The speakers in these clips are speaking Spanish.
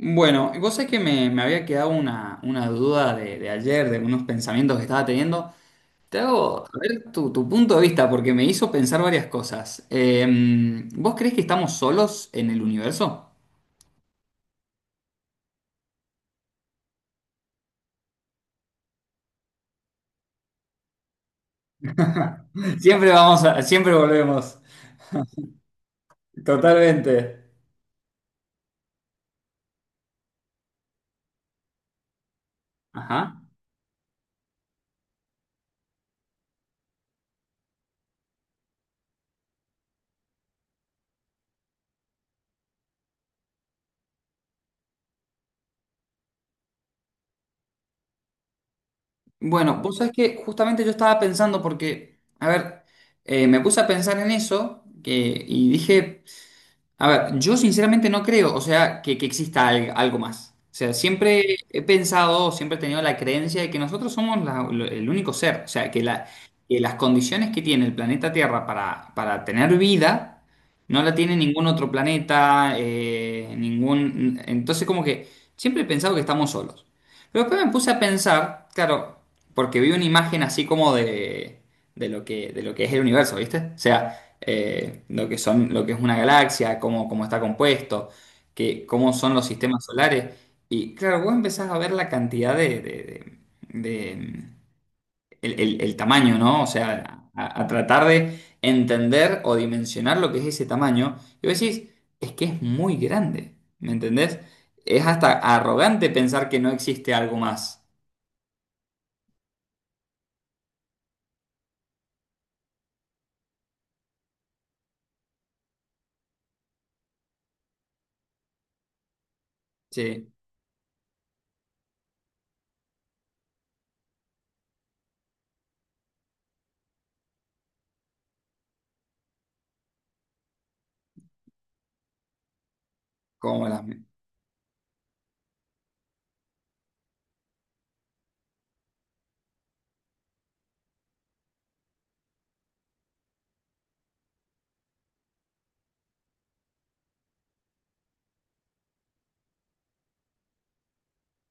Bueno, y vos sabés que me había quedado una duda de ayer, de unos pensamientos que estaba teniendo. Te hago, a ver, tu punto de vista, porque me hizo pensar varias cosas. ¿Vos creés que estamos solos en el universo? Siempre vamos a, siempre volvemos. Totalmente. Ajá. Bueno, vos sabés que justamente yo estaba pensando porque, a ver, me puse a pensar en eso que, y dije. A ver, yo sinceramente no creo, o sea, que exista algo más. O sea, siempre he pensado, siempre he tenido la creencia de que nosotros somos el único ser. O sea, que, que las condiciones que tiene el planeta Tierra para tener vida no la tiene ningún otro planeta, ningún... Entonces, como que siempre he pensado que estamos solos. Pero después me puse a pensar, claro, porque vi una imagen así como de lo que es el universo, ¿viste? O sea, lo que son, lo que es una galaxia, cómo, cómo está compuesto, que, cómo son los sistemas solares. Y claro, vos empezás a ver la cantidad de, de- el, el tamaño, ¿no? O sea, a tratar de entender o dimensionar lo que es ese tamaño. Y vos decís, es que es muy grande, ¿me entendés? Es hasta arrogante pensar que no existe algo más. Sí, como las...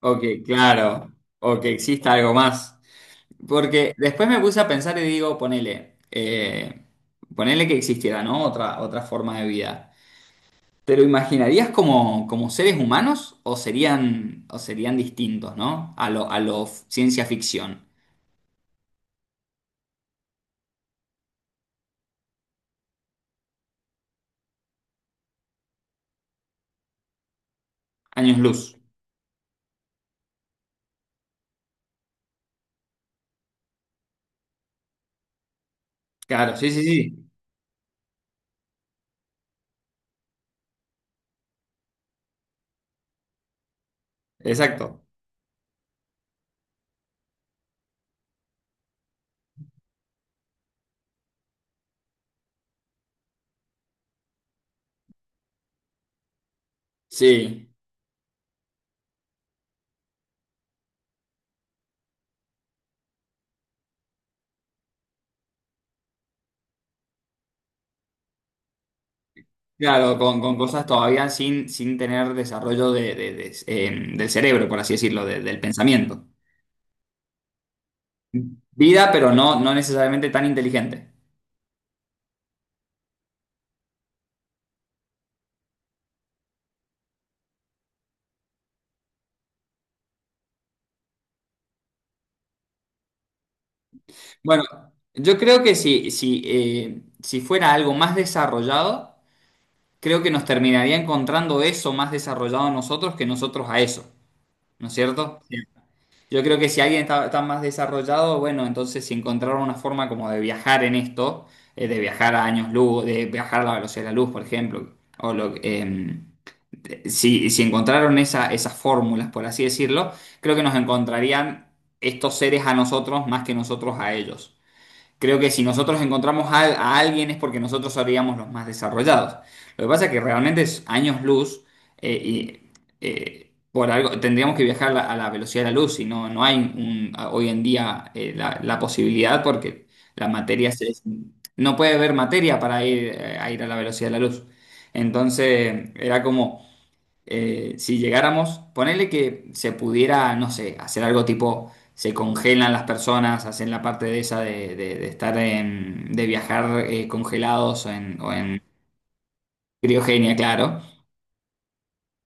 Ok, claro. O que exista algo más. Porque después me puse a pensar y digo, ponele, ponele que existiera, ¿no? Otra, otra forma de vida. ¿Te lo imaginarías como, como seres humanos o serían distintos, ¿no? A lo ciencia ficción. Años luz. Claro, sí, sí, sí. Exacto. Sí. Claro, con cosas todavía sin, sin tener desarrollo de, del cerebro, por así decirlo, del pensamiento. Vida, pero no, no necesariamente tan inteligente. Bueno, yo creo que si, si, si fuera algo más desarrollado, creo que nos terminaría encontrando eso más desarrollado a nosotros que nosotros a eso, ¿no es cierto? Sí. Yo creo que si alguien está, está más desarrollado, bueno, entonces si encontraron una forma como de viajar en esto, de viajar a años luz, de viajar a la velocidad de la luz, por ejemplo, o lo, si, si encontraron esa, esas fórmulas, por así decirlo, creo que nos encontrarían estos seres a nosotros más que nosotros a ellos. Creo que si nosotros encontramos a alguien es porque nosotros seríamos los más desarrollados. Lo que pasa es que realmente es años luz y por algo tendríamos que viajar a la velocidad de la luz y no, no hay hoy en día la, la posibilidad porque la materia se, no puede haber materia para ir, a ir a la velocidad de la luz. Entonces era como si llegáramos, ponerle que se pudiera, no sé, hacer algo tipo, se congelan las personas, hacen la parte de esa de, de estar en, de viajar congelados o en criogenia, claro.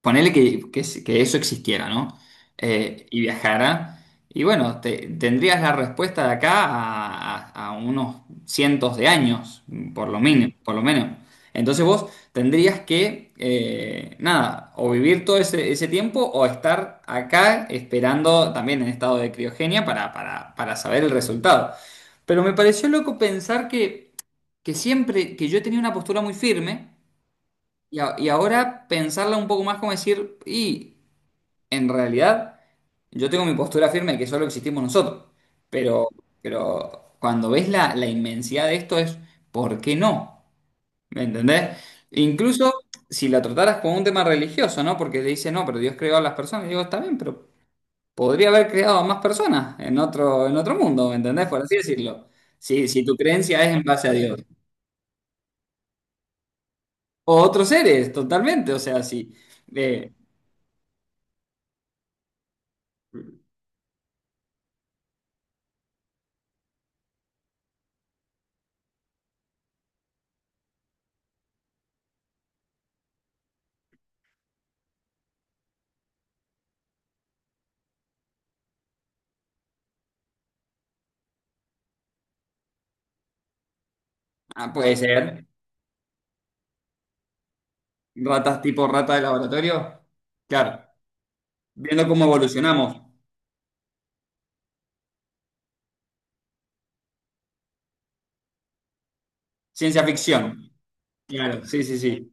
Ponele que, que eso existiera, ¿no? Y viajara. Y bueno, tendrías la respuesta de acá a, a unos cientos de años, por lo mínimo, por lo menos. Entonces vos tendrías que, nada, o vivir todo ese, ese tiempo o estar acá esperando también en estado de criogenia para saber el resultado. Pero me pareció loco pensar que siempre, que yo tenía una postura muy firme. Y, y ahora pensarla un poco más como decir, y en realidad yo tengo mi postura firme de que solo existimos nosotros, pero, pero cuando ves la, la inmensidad de esto es, ¿por qué no? ¿Me entendés? Incluso si la trataras como un tema religioso, ¿no? Porque te dice, no, pero Dios creó a las personas, y digo, está bien, pero podría haber creado a más personas en otro mundo, ¿me entendés? Por así decirlo. Si, si tu creencia es en base a Dios. O otros seres, totalmente, o sea, sí. eh, Ah, puede ser. Ratas tipo rata de laboratorio. Claro. Viendo cómo evolucionamos. Ciencia ficción. Claro, sí, sí, sí.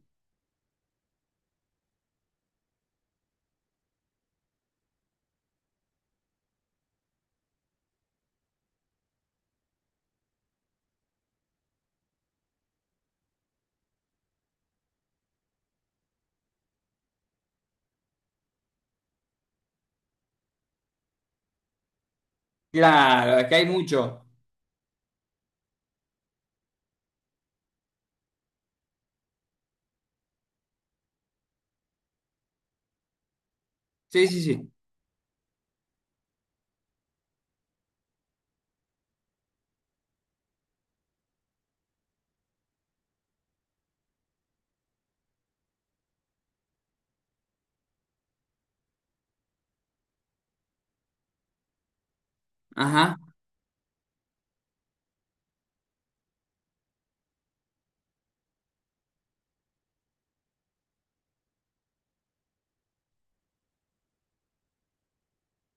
Claro, es que hay mucho. Sí, sí, sí. Ajá.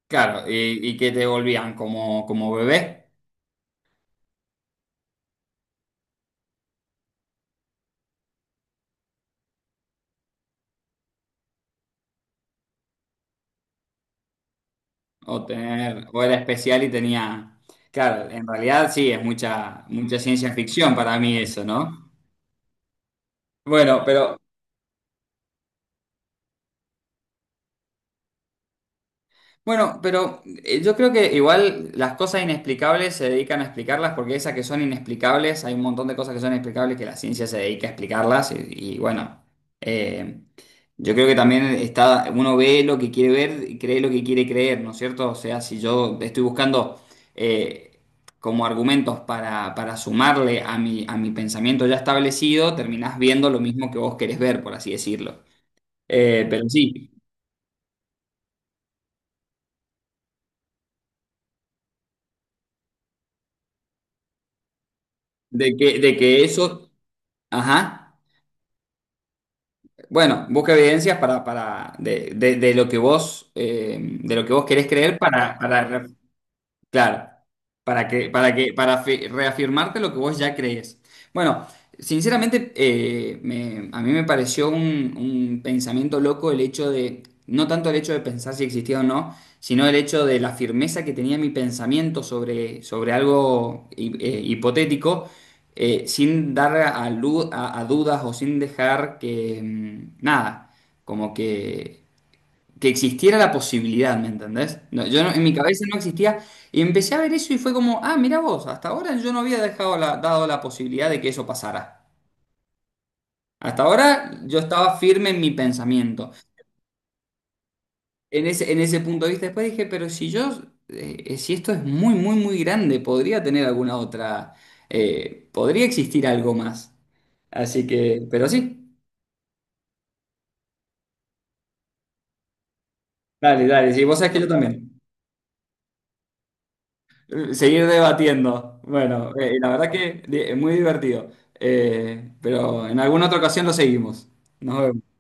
Claro, y que te volvían como, como bebé. O tener, o era especial y tenía. Claro, en realidad sí, es mucha, mucha ciencia ficción para mí eso, ¿no? Bueno, pero Bueno, pero yo creo que igual las cosas inexplicables se dedican a explicarlas porque esas que son inexplicables, hay un montón de cosas que son inexplicables que la ciencia se dedica a explicarlas y bueno, eh, yo creo que también está, uno ve lo que quiere ver y cree lo que quiere creer, ¿no es cierto? O sea, si yo estoy buscando eh, como argumentos para sumarle a mi pensamiento ya establecido, terminás viendo lo mismo que vos querés ver, por así decirlo. Pero sí, de que eso... Ajá. Bueno, busca evidencias para de, de lo que vos, de lo que vos querés creer para, para. Claro, para que, para que, para reafirmarte lo que vos ya crees. Bueno, sinceramente, a mí me pareció un pensamiento loco el hecho de, no tanto el hecho de pensar si existía o no, sino el hecho de la firmeza que tenía mi pensamiento sobre, sobre algo hipotético, sin dar a, a dudas o sin dejar que, nada, como que existiera la posibilidad, ¿me entendés? No, yo no- en mi cabeza no existía y empecé a ver eso y fue como, ah, mira vos, hasta ahora yo no había dejado dado la posibilidad de que eso pasara. Hasta ahora yo estaba firme en mi pensamiento, en ese punto de vista. Después dije, pero si yo, si esto es muy, muy, muy grande, podría tener alguna otra, podría existir algo más. Así que, pero sí, dale, dale, sí, vos sabés que yo también. Seguir debatiendo. Bueno, la verdad que es muy divertido. Pero en alguna otra ocasión lo seguimos. Nos vemos.